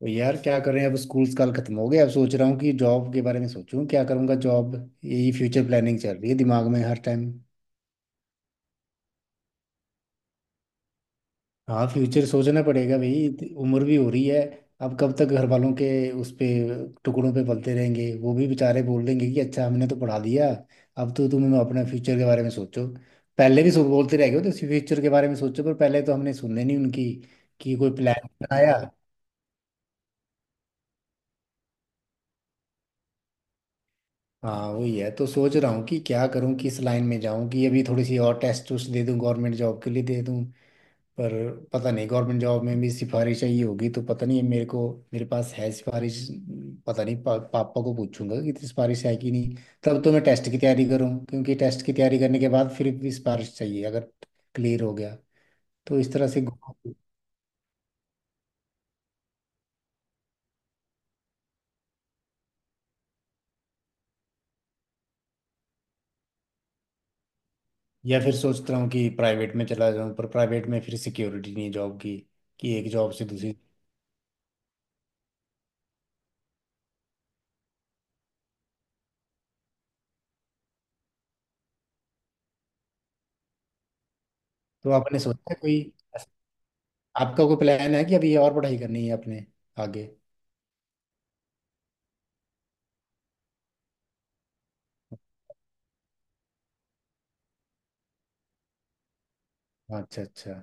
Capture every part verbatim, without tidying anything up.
तो यार, क्या करें? अब स्कूल साल खत्म हो गया। अब सोच रहा हूँ कि जॉब के बारे में सोचूं, क्या करूँगा जॉब। यही फ्यूचर प्लानिंग चल रही है दिमाग में हर टाइम। हाँ, फ्यूचर सोचना पड़ेगा भाई। उम्र भी हो रही है। अब कब तक घर वालों के उस पे टुकड़ों पे पलते रहेंगे। वो भी बेचारे बोल देंगे कि अच्छा, हमने तो पढ़ा दिया, अब तो तुम अपना फ्यूचर के बारे में सोचो। पहले भी सो बोलते रह गए हो तो फ्यूचर के बारे में सोचो, पर पहले तो हमने सुनने नहीं उनकी, कि कोई प्लान बनाया। हाँ, वही है। तो सोच रहा हूँ कि क्या करूँ, किस लाइन में जाऊँ, कि अभी थोड़ी सी और टेस्ट उस्ट दे दूँ, गवर्नमेंट जॉब के लिए दे दूँ। पर पता नहीं गवर्नमेंट जॉब में भी सिफारिश चाहिए होगी, तो पता नहीं मेरे को, मेरे पास है सिफारिश, पता नहीं। पा, पापा को पूछूंगा कि इतनी सिफारिश है कि नहीं। तब तो मैं टेस्ट की तैयारी करूँ, क्योंकि टेस्ट की तैयारी करने के बाद फिर भी सिफारिश चाहिए अगर क्लियर हो गया। तो इस तरह से घूम- या फिर सोच रहा हूँ कि प्राइवेट में चला जाऊँ। पर प्राइवेट में फिर सिक्योरिटी नहीं है जॉब की, कि एक जॉब से दूसरी। तो आपने सोचा है कोई, आपका कोई प्लान है कि अभी और पढ़ाई करनी है अपने आगे? अच्छा, अच्छा।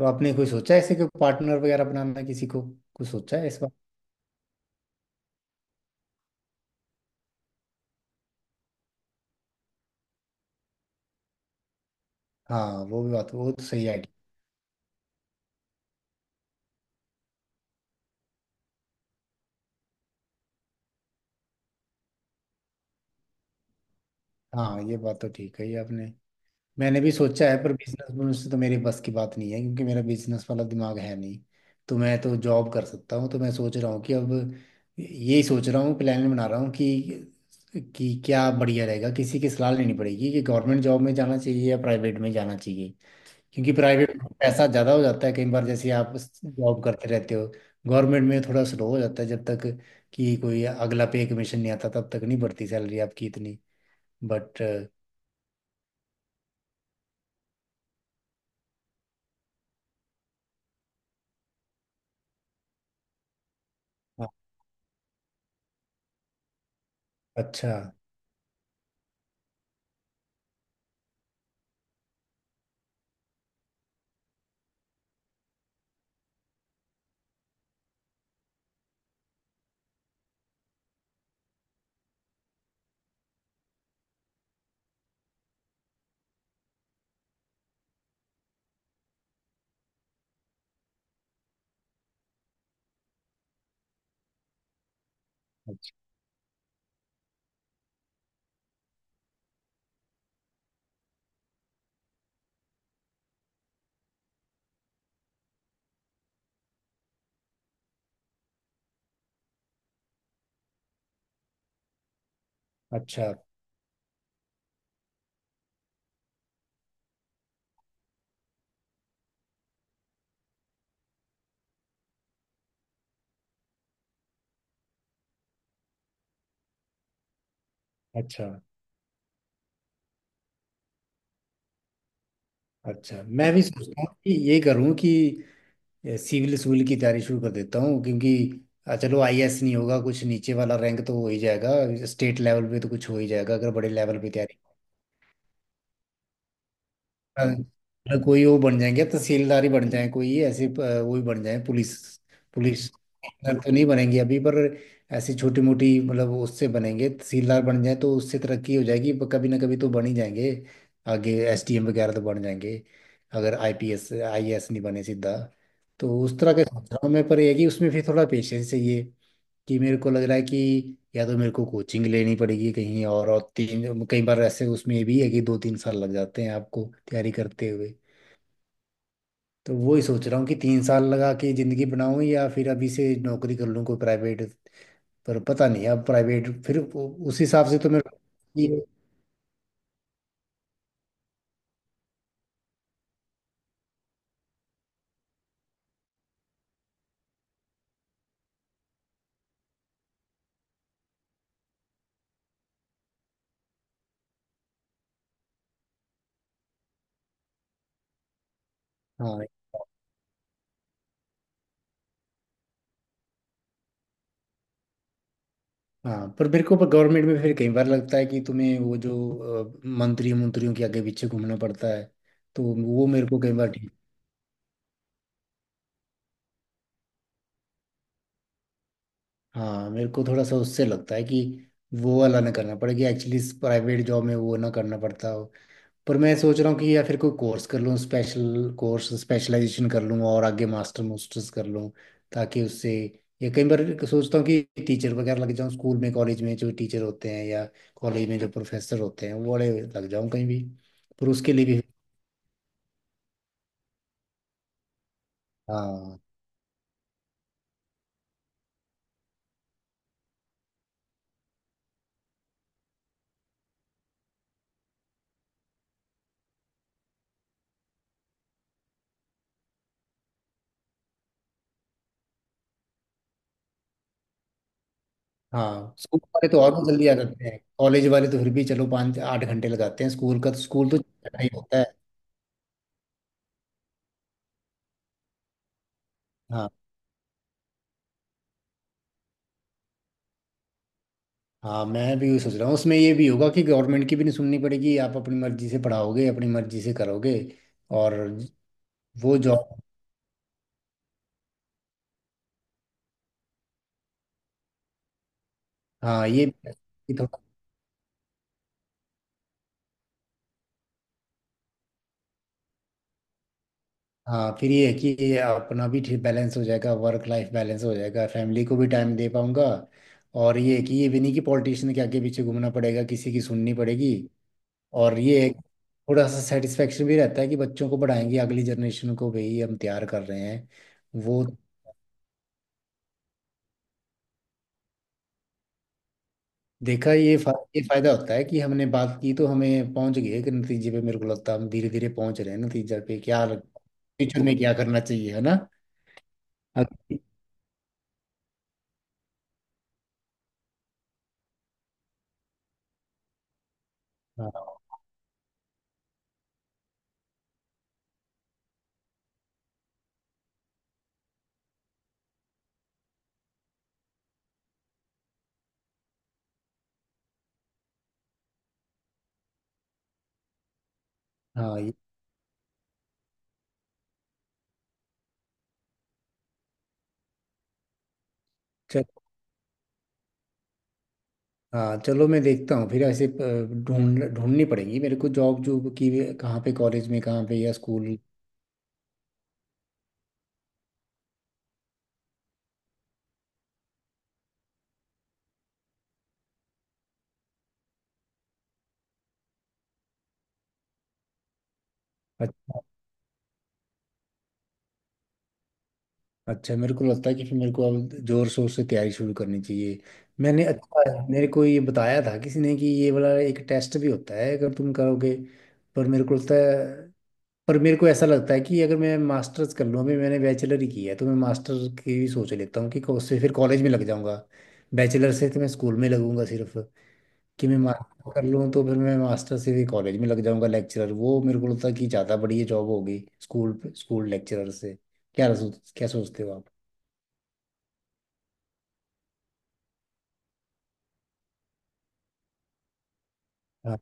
तो आपने कोई सोचा है ऐसे, कोई पार्टनर वगैरह बनाना किसी को? कुछ सोचा है इस बार? हाँ, वो भी बात, वो तो सही आइडिया। हाँ, ये बात तो ठीक है, ये आपने... मैंने भी सोचा है, पर बिजनेस से तो मेरे बस की बात नहीं है, क्योंकि मेरा बिजनेस वाला दिमाग है नहीं। तो मैं तो जॉब कर सकता हूँ। तो मैं सोच रहा हूँ कि अब, यही सोच रहा हूँ, प्लान बना रहा हूँ कि कि क्या बढ़िया रहेगा, किसी की सलाह लेनी पड़ेगी कि गवर्नमेंट जॉब में जाना चाहिए या प्राइवेट में जाना चाहिए। क्योंकि प्राइवेट में पैसा ज़्यादा हो जाता है कई बार, जैसे आप जॉब करते रहते हो। गवर्नमेंट में थोड़ा स्लो हो जाता है, जब तक कि कोई अगला पे कमीशन नहीं आता, तब तक नहीं बढ़ती सैलरी आपकी इतनी। बट... अच्छा, अच्छा, अच्छा, अच्छा, मैं भी सोचता हूँ कि ये करूँ कि सिविल सिविल की तैयारी शुरू कर देता हूँ, क्योंकि अ, चलो आईएएस नहीं होगा, कुछ नीचे वाला रैंक तो हो ही जाएगा। स्टेट लेवल पे तो कुछ हो ही जाएगा अगर बड़े लेवल पे तैयारी। अ, मतलब कोई वो बन जाएंगे, तहसीलदार ही बन जाए, कोई ऐसे प- वो ही बन जाए पुलिस। पुलिस कमिश्नर तो नहीं बनेंगे अभी, पर ऐसी छोटी मोटी, मतलब उससे बनेंगे। तहसीलदार बन जाए तो उससे तरक्की हो जाएगी, पर कभी ना कभी तो बन ही जाएंगे। आगे एसडीएम वगैरह तो बन जाएंगे, अगर आईपीएस आईएएस नहीं बने सीधा। तो उस तरह के सोच रहा हूँ मैं, पर ये है कि उसमें फिर थोड़ा पेशेंस चाहिए, कि मेरे को लग रहा है कि या तो मेरे को कोचिंग लेनी पड़ेगी कहीं और, और तीन कई बार ऐसे उसमें ये भी है कि दो तीन साल लग जाते हैं आपको तैयारी करते हुए। तो वो ही सोच रहा हूँ कि तीन साल लगा के ज़िंदगी बनाऊँ, या फिर अभी से नौकरी कर लूँ कोई प्राइवेट। पर पता नहीं अब प्राइवेट फिर उ- उस हिसाब से तो मेरे ये- हाँ, हाँ, पर मेरे को, पर गवर्नमेंट में फिर कई बार लगता है कि तुम्हें वो जो अ, मंत्री मंत्रियों के आगे पीछे घूमना पड़ता है। तो वो मेरे को कई बार ठीक... हाँ, मेरे को थोड़ा सा उससे लगता है कि वो वाला ना करना पड़े, कि एक्चुअली प्राइवेट जॉब में वो ना करना पड़ता हो। पर मैं सोच रहा हूँ कि या फिर कोई कोर्स कर लूँ, स्पेशल कोर्स, स्पेशलाइजेशन कर लूँ और आगे मास्टर मास्टर्स कर लूँ, ताकि उससे... या कई बार सोचता हूँ कि टीचर वगैरह लग जाऊँ स्कूल में, कॉलेज में जो टीचर होते हैं, या कॉलेज में जो प्रोफेसर होते हैं वो बड़े लग जाऊँ कहीं भी। पर उसके लिए भी... हाँ, हाँ, स्कूल वाले तो और भी जल्दी आ जाते हैं, कॉलेज वाले तो फिर भी चलो पाँच आठ घंटे लगाते हैं, स्कूल का तो स्कूल तो ही होता है। हाँ। हाँ, मैं भी वही सोच रहा हूँ, उसमें ये भी होगा कि गवर्नमेंट की भी नहीं सुननी पड़ेगी, आप अपनी मर्जी से पढ़ाओगे, अपनी मर्जी से करोगे। और वो जॉब... हाँ, ये भी है कि थोड़ा... हाँ, फिर ये है कि ये अपना भी ठीक बैलेंस हो जाएगा, वर्क लाइफ बैलेंस हो जाएगा, फैमिली को भी टाइम दे पाऊंगा। और ये है कि ये भी नहीं कि पॉलिटिशियन के आगे पीछे घूमना पड़ेगा, किसी की सुननी पड़ेगी। और ये है कि थोड़ा सा सेटिस्फेक्शन भी रहता है कि बच्चों को पढ़ाएंगे, अगली जनरेशन को भी हम तैयार कर रहे हैं वो। देखा, ये फा, ये फायदा होता है कि हमने बात की, तो हमें पहुंच गए कि नतीजे पे, मेरे को लगता है हम धीरे धीरे पहुंच रहे हैं नतीजे पे, क्या फ्यूचर में क्या करना चाहिए, है ना? अग- हाँ, हाँ, ये चल हाँ, चलो मैं देखता हूँ फिर ऐसे। अ, ढूंढ ढूंढनी पड़ेगी मेरे को जॉब, जॉब की भी कहाँ पे, कॉलेज में कहाँ पे या स्कूल। अच्छा, अच्छा, मेरे को लगता है कि फिर मेरे को अब जोर शोर से तैयारी शुरू करनी चाहिए। मैंने अच्छा, मेरे को ये बताया था किसी ने कि ये वाला एक टेस्ट भी होता है अगर तुम करोगे। पर मेरे को लगता है पर मेरे को ऐसा लगता है कि अगर मैं मास्टर्स कर लूँ। अभी मैंने बैचलर ही की है तो मैं मास्टर की भी सोच लेता हूँ कि को- उससे फिर कॉलेज में लग जाऊंगा। बैचलर से तो मैं स्कूल में लगूंगा सिर्फ। कि मैं मास्टर कर लूँ तो फिर मैं मास्टर से भी कॉलेज में लग जाऊंगा लेक्चरर, वो मेरे को लगता है कि ज़्यादा बढ़िया जॉब होगी स्कूल स्कूल लेक्चरर से। क्या सोच क्या सोचते हो आप? हाँ,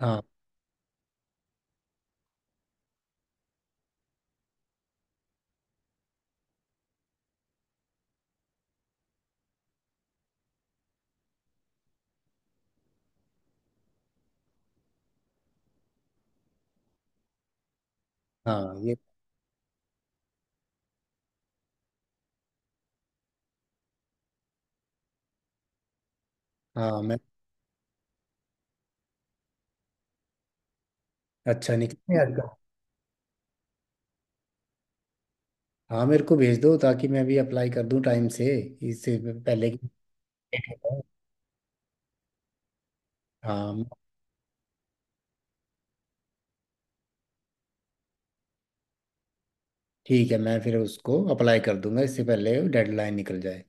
हाँ, हाँ, ये... हाँ मैं... अच्छा, निकल आजकल। हाँ, मेरे को भेज दो ताकि मैं भी अप्लाई कर दूँ टाइम से, इससे पहले कि... हाँ, ठीक है, मैं फिर उसको अप्लाई कर दूंगा इससे पहले डेडलाइन निकल जाए।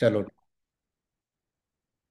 चलो।